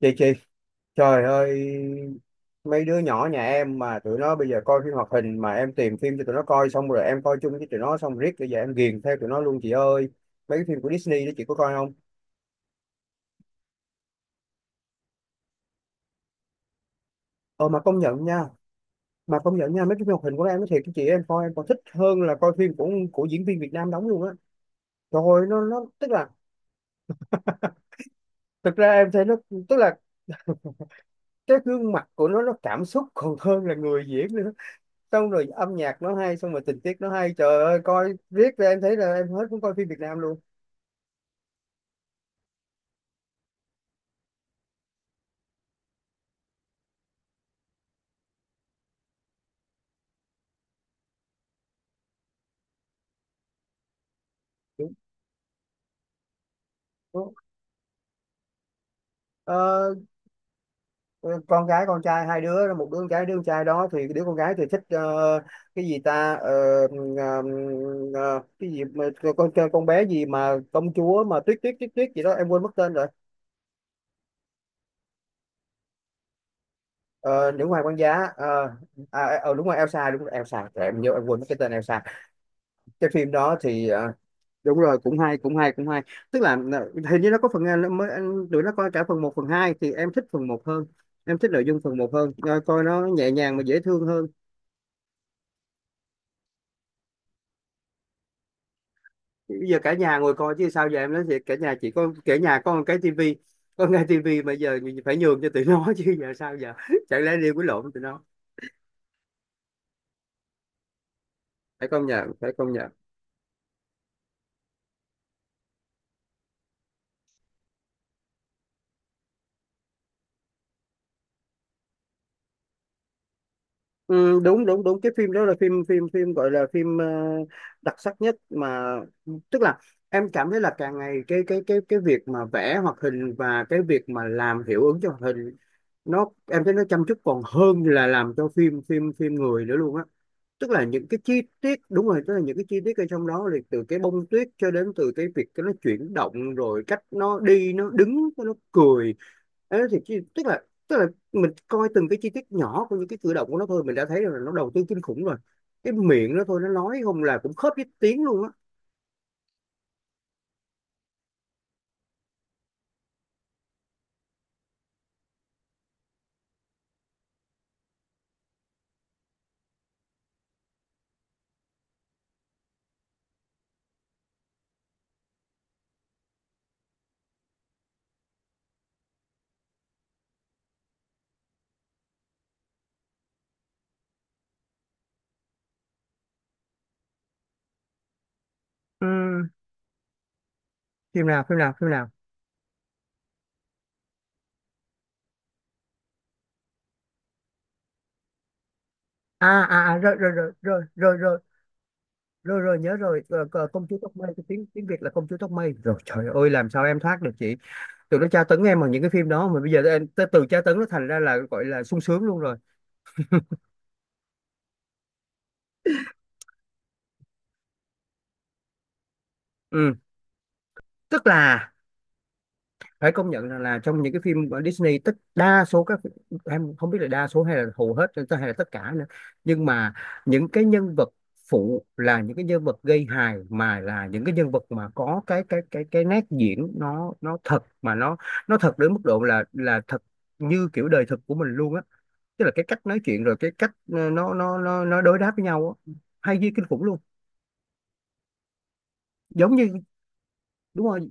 Chị, trời ơi, mấy đứa nhỏ nhà em mà tụi nó bây giờ coi phim hoạt hình, mà em tìm phim cho tụi nó coi, xong rồi em coi chung với tụi nó, xong riết bây giờ em ghiền theo tụi nó luôn chị ơi. Mấy cái phim của Disney đó chị có coi không? Ờ mà công nhận nha, mà công nhận nha, mấy cái phim hoạt hình của, em nói thiệt với chị, em coi em còn thích hơn là coi phim của diễn viên Việt Nam đóng luôn á. Trời ơi, nó tức là, thực ra em thấy nó, tức là cái gương mặt của nó cảm xúc còn hơn là người diễn nữa. Xong rồi âm nhạc nó hay, xong rồi tình tiết nó hay, trời ơi, coi riết ra em thấy là em hết muốn coi phim Việt Nam luôn. Đúng, đúng. Ờ, ờ, con gái con trai hai đứa, một đứa con gái, đứa con trai đó, thì đứa con gái thì thích, cái gì ta. Ờ, ờ, cái gì mà, con bé gì mà công chúa mà tuyết tuyết tuyết tuyết gì đó, em quên mất tên rồi. Ờ, Nữ hoàng băng giá, à, à, đúng rồi Elsa, đúng rồi Elsa. Trời, em nhớ, em quên mất cái tên Elsa. Cái phim đó thì, đúng rồi, cũng hay, cũng hay, cũng hay. Tức là, hình như nó có phần, nó mới, tụi nó coi cả phần 1 phần 2, thì em thích phần 1 hơn, em thích nội dung phần 1 hơn. Ờ, coi nó nhẹ nhàng mà dễ thương hơn. Bây giờ cả nhà ngồi coi chứ sao giờ, em nói thiệt, cả nhà chỉ có, cả nhà có một cái tivi, có một cái tivi mà giờ mình phải nhường cho tụi nó, chứ giờ sao giờ, chẳng lẽ đi quýnh lộn với tụi nó. Phải công nhận, phải công nhận. Ừ, đúng đúng đúng, cái phim đó là phim phim phim gọi là phim, đặc sắc nhất mà. Tức là em cảm thấy là càng ngày cái việc mà vẽ hoạt hình và cái việc mà làm hiệu ứng cho hoạt hình, nó, em thấy nó chăm chút còn hơn là làm cho phim phim phim người nữa luôn á. Tức là những cái chi tiết, đúng rồi, tức là những cái chi tiết ở trong đó, thì từ cái bông tuyết cho đến từ cái việc cái nó chuyển động, rồi cách nó đi, nó đứng, nó cười. Đấy, tức là, tức là mình coi từng cái chi tiết nhỏ của những cái cử động của nó thôi, mình đã thấy là nó đầu tư kinh khủng rồi. Cái miệng nó thôi, nó nói không là cũng khớp với tiếng luôn á. Ừm, phim nào, phim nào, phim nào? À à à, rồi rồi rồi rồi rồi rồi, rồi rồi nhớ rồi. Ờ, Công chúa tóc mây, cái tiếng, tiếng Việt là công chúa tóc mây. Rồi trời ơi, làm sao em thoát được chị. Tụi nó tra tấn em bằng những cái phim đó, mà bây giờ em tới từ tra tấn nó thành ra là gọi là sung sướng luôn rồi. Ừ. Tức là phải công nhận rằng là trong những cái phim của Disney, tất, đa số các, em không biết là đa số hay là hầu hết hay là tất cả nữa, nhưng mà những cái nhân vật phụ, là những cái nhân vật gây hài, mà là những cái nhân vật mà có cái nét diễn, nó thật, mà nó thật đến mức độ là thật như kiểu đời thực của mình luôn á. Tức là cái cách nói chuyện, rồi cái cách nó đối đáp với nhau á, hay như kinh khủng luôn. Giống như, đúng rồi.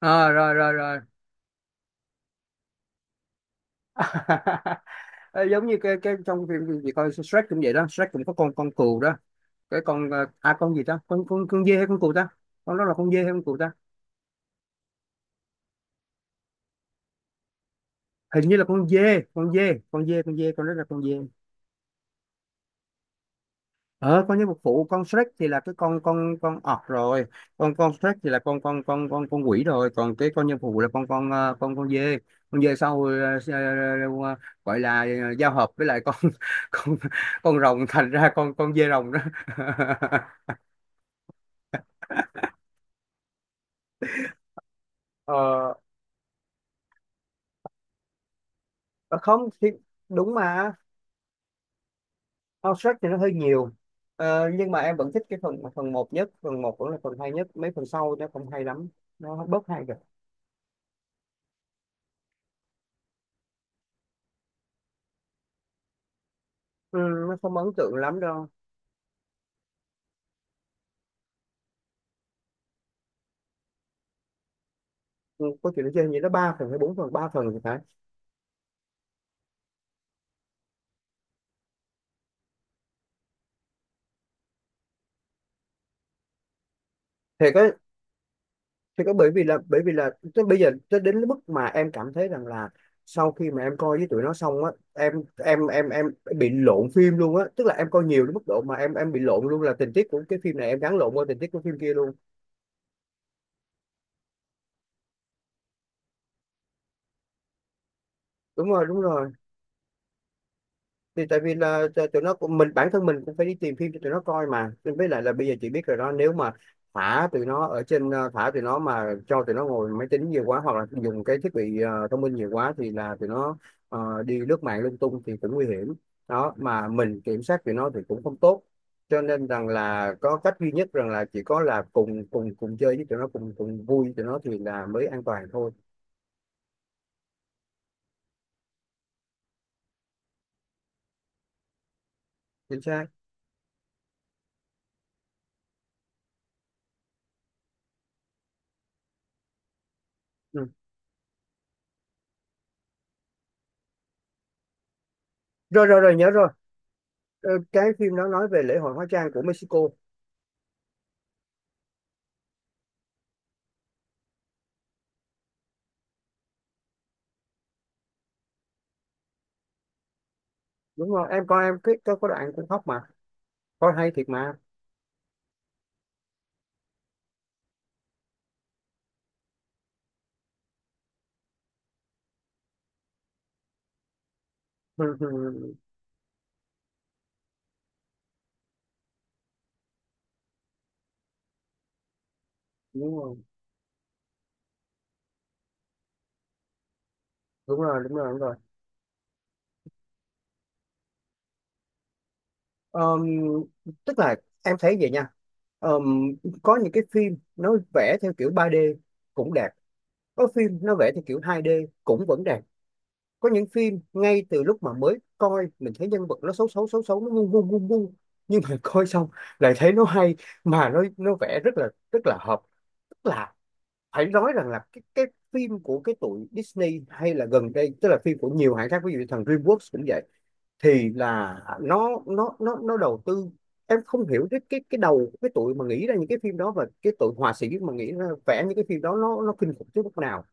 Ờ Rồi rồi rồi. Ờ, giống như cái trong phim gì gì coi, Shrek cũng vậy đó, Shrek cũng có con cừu đó, cái con, con gì ta, con dê hay con cừu ta, con đó là con dê hay con cừu ta? Hình như là con dê, con đó là con dê. Ờ con nhân vật phụ, con Shrek thì là cái con ọt rồi. Con Shrek thì là con quỷ rồi, còn cái con nhân phụ là con con dê, con dê sau, s- ờ, ờ, gọi là, giao hợp với lại con, con con rồng, thành ra con dê rồng đó. ờ ờ, Không thì, đúng mà, con, thì nó hơi nhiều. Ờ, nhưng mà em vẫn thích cái phần phần 1 nhất, phần 1 vẫn là phần hay nhất, mấy phần sau nó không hay lắm, nó bớt hay rồi. Ừ, nó không ấn tượng lắm đâu. Ừ, câu chuyện nó chơi như nó 3 phần hay 4 phần, 3 phần thì phải. Thì có, thì có, bởi vì là, bởi vì là tới bây giờ, tới đến cái mức mà em cảm thấy rằng là, sau khi mà em coi với tụi nó xong á, em, em bị lộn phim luôn á, tức là em coi nhiều đến mức độ mà em bị lộn luôn, là tình tiết của cái phim này em gắn lộn qua tình tiết của phim kia luôn. Đúng rồi, đúng rồi. Thì tại vì là, tụi nó cũng, mình bản thân mình cũng phải đi tìm phim cho tụi nó coi mà. Nên với lại là bây giờ chị biết rồi đó, nếu mà thả tụi nó ở trên, thả tụi nó mà cho tụi nó ngồi máy tính nhiều quá, hoặc là dùng cái thiết bị, thông minh nhiều quá, thì là tụi nó, đi lướt mạng lung tung thì cũng nguy hiểm, đó mà mình kiểm soát tụi nó thì cũng không tốt. Cho nên rằng là có cách duy nhất rằng là chỉ có là cùng cùng cùng chơi với tụi nó, cùng cùng vui với tụi nó thì là mới an toàn thôi. Chính xác. Ừ. Rồi rồi rồi, nhớ rồi. Ờ, cái phim đó nói về lễ hội hóa trang của Mexico. Đúng rồi, em coi em, cái có đoạn cũng khóc mà, coi hay thiệt mà. Đúng rồi, đúng rồi, đúng rồi, đúng rồi. Ờm, Tức là em thấy vậy nha. Ờm, có những cái phim nó vẽ theo kiểu 3D, cũng đẹp. Có phim nó vẽ theo kiểu 2D, cũng vẫn đẹp. Có những phim ngay từ lúc mà mới coi mình thấy nhân vật nó xấu xấu xấu xấu, nó ngu ngu ngu ngu, nhưng mà coi xong lại thấy nó hay, mà nó vẽ rất là hợp. Tức là phải nói rằng là cái, phim của cái tụi Disney, hay là gần đây, tức là phim của nhiều hãng khác, ví dụ như thằng DreamWorks cũng vậy, thì là nó đầu tư. Em không hiểu cái, đầu, cái tụi mà nghĩ ra những cái phim đó, và cái tụi họa sĩ mà nghĩ ra vẽ những cái phim đó, nó kinh khủng tới mức nào.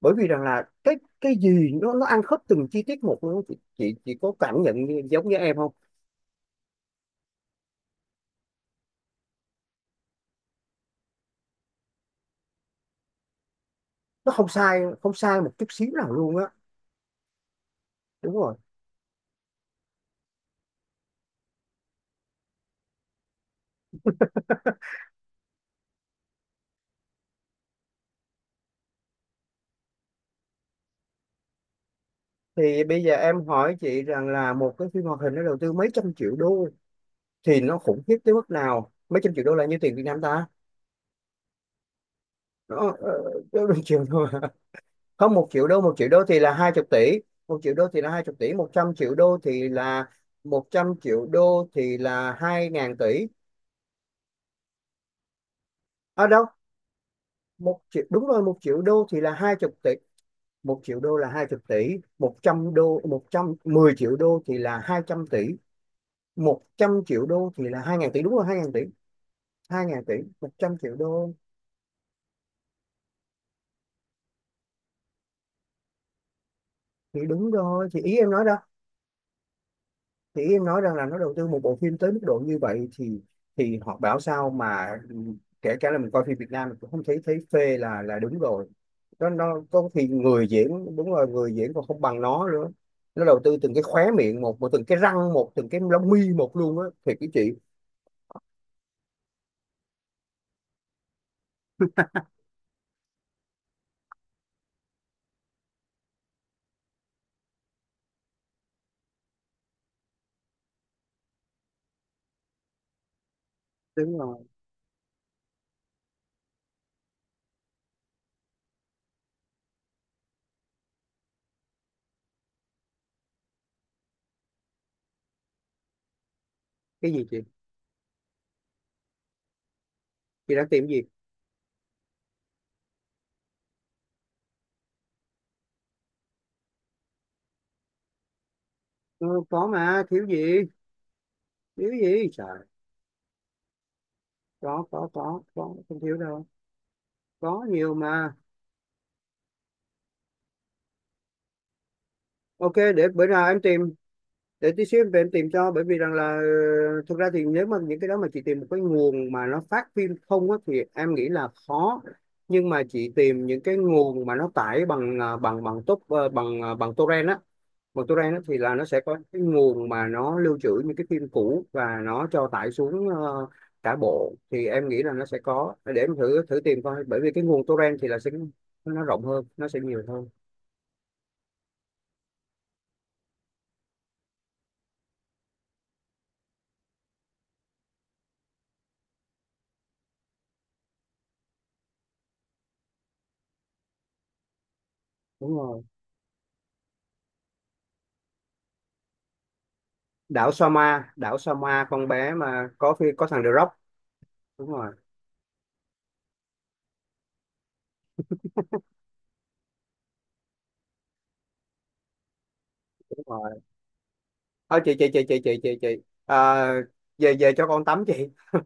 Bởi vì rằng là cái gì nó ăn khớp từng chi tiết một luôn, chị có cảm nhận giống như em không? Nó không sai, không sai một chút xíu nào luôn á. Đúng rồi. Thì bây giờ em hỏi chị rằng là một cái phim hoạt hình nó đầu tư mấy trăm triệu đô, thì nó khủng khiếp tới mức nào, mấy trăm triệu đô là nhiêu tiền Việt Nam ta. Nó Một triệu đô à? Không, 1 triệu đô, 1 triệu đô thì là 20 tỷ. Một triệu đô thì là hai chục tỷ, một trăm triệu đô thì là, 100 triệu đô thì là 2000 tỷ. À, đâu. Một triệu, đúng rồi, 1 triệu đô thì là hai chục tỷ, một triệu đô là hai chục tỷ. 100 đô, 100, 10 triệu đô thì là 200 tỷ, một trăm triệu đô thì là hai ngàn tỷ, đúng rồi, 2000 tỷ, hai ngàn tỷ, một trăm triệu đô. Thì đúng rồi, thì ý em nói, thì em nói rằng là nó đầu tư một bộ phim tới mức độ như vậy, thì họ bảo sao mà, kể cả là mình coi phim Việt Nam mình cũng không thấy, thấy phê là đúng rồi đó nó có, thì người diễn, đúng rồi, người diễn còn không bằng nó nữa, nó đầu tư từng cái khóe miệng một, một từng cái răng một, từng cái lông mi một luôn á, thiệt cái chị. Đúng rồi. Cái gì chị đang tìm gì? Ừ, có mà, thiếu gì, thiếu gì trời, có, không thiếu đâu, có nhiều mà. Ok, để bữa nào em tìm, để tí xíu em về em tìm cho, bởi vì rằng là, thực ra thì nếu mà những cái đó mà chị tìm một cái nguồn mà nó phát phim không á, thì em nghĩ là khó. Nhưng mà chị tìm những cái nguồn mà nó tải bằng, ờ, bằng bằng tốt ờ, bằng torrent á, bằng torrent á, thì là nó sẽ có cái nguồn mà nó lưu trữ những cái phim cũ và nó cho tải xuống, cả bộ, thì em nghĩ là nó sẽ có, để em thử thử tìm coi, bởi vì cái nguồn torrent thì là sẽ, nó rộng hơn, nó sẽ nhiều hơn. Đúng rồi. Đảo Soma, đảo Soma, con bé mà có có thằng The Rock. Đúng rồi, đúng rồi. Thôi chị chị, à, về, về cho con tắm chị,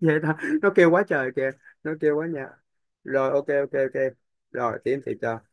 về nó kêu quá trời kìa, nó kêu quá nha. Rồi, ok ok ok. Rồi, kiếm thì cho.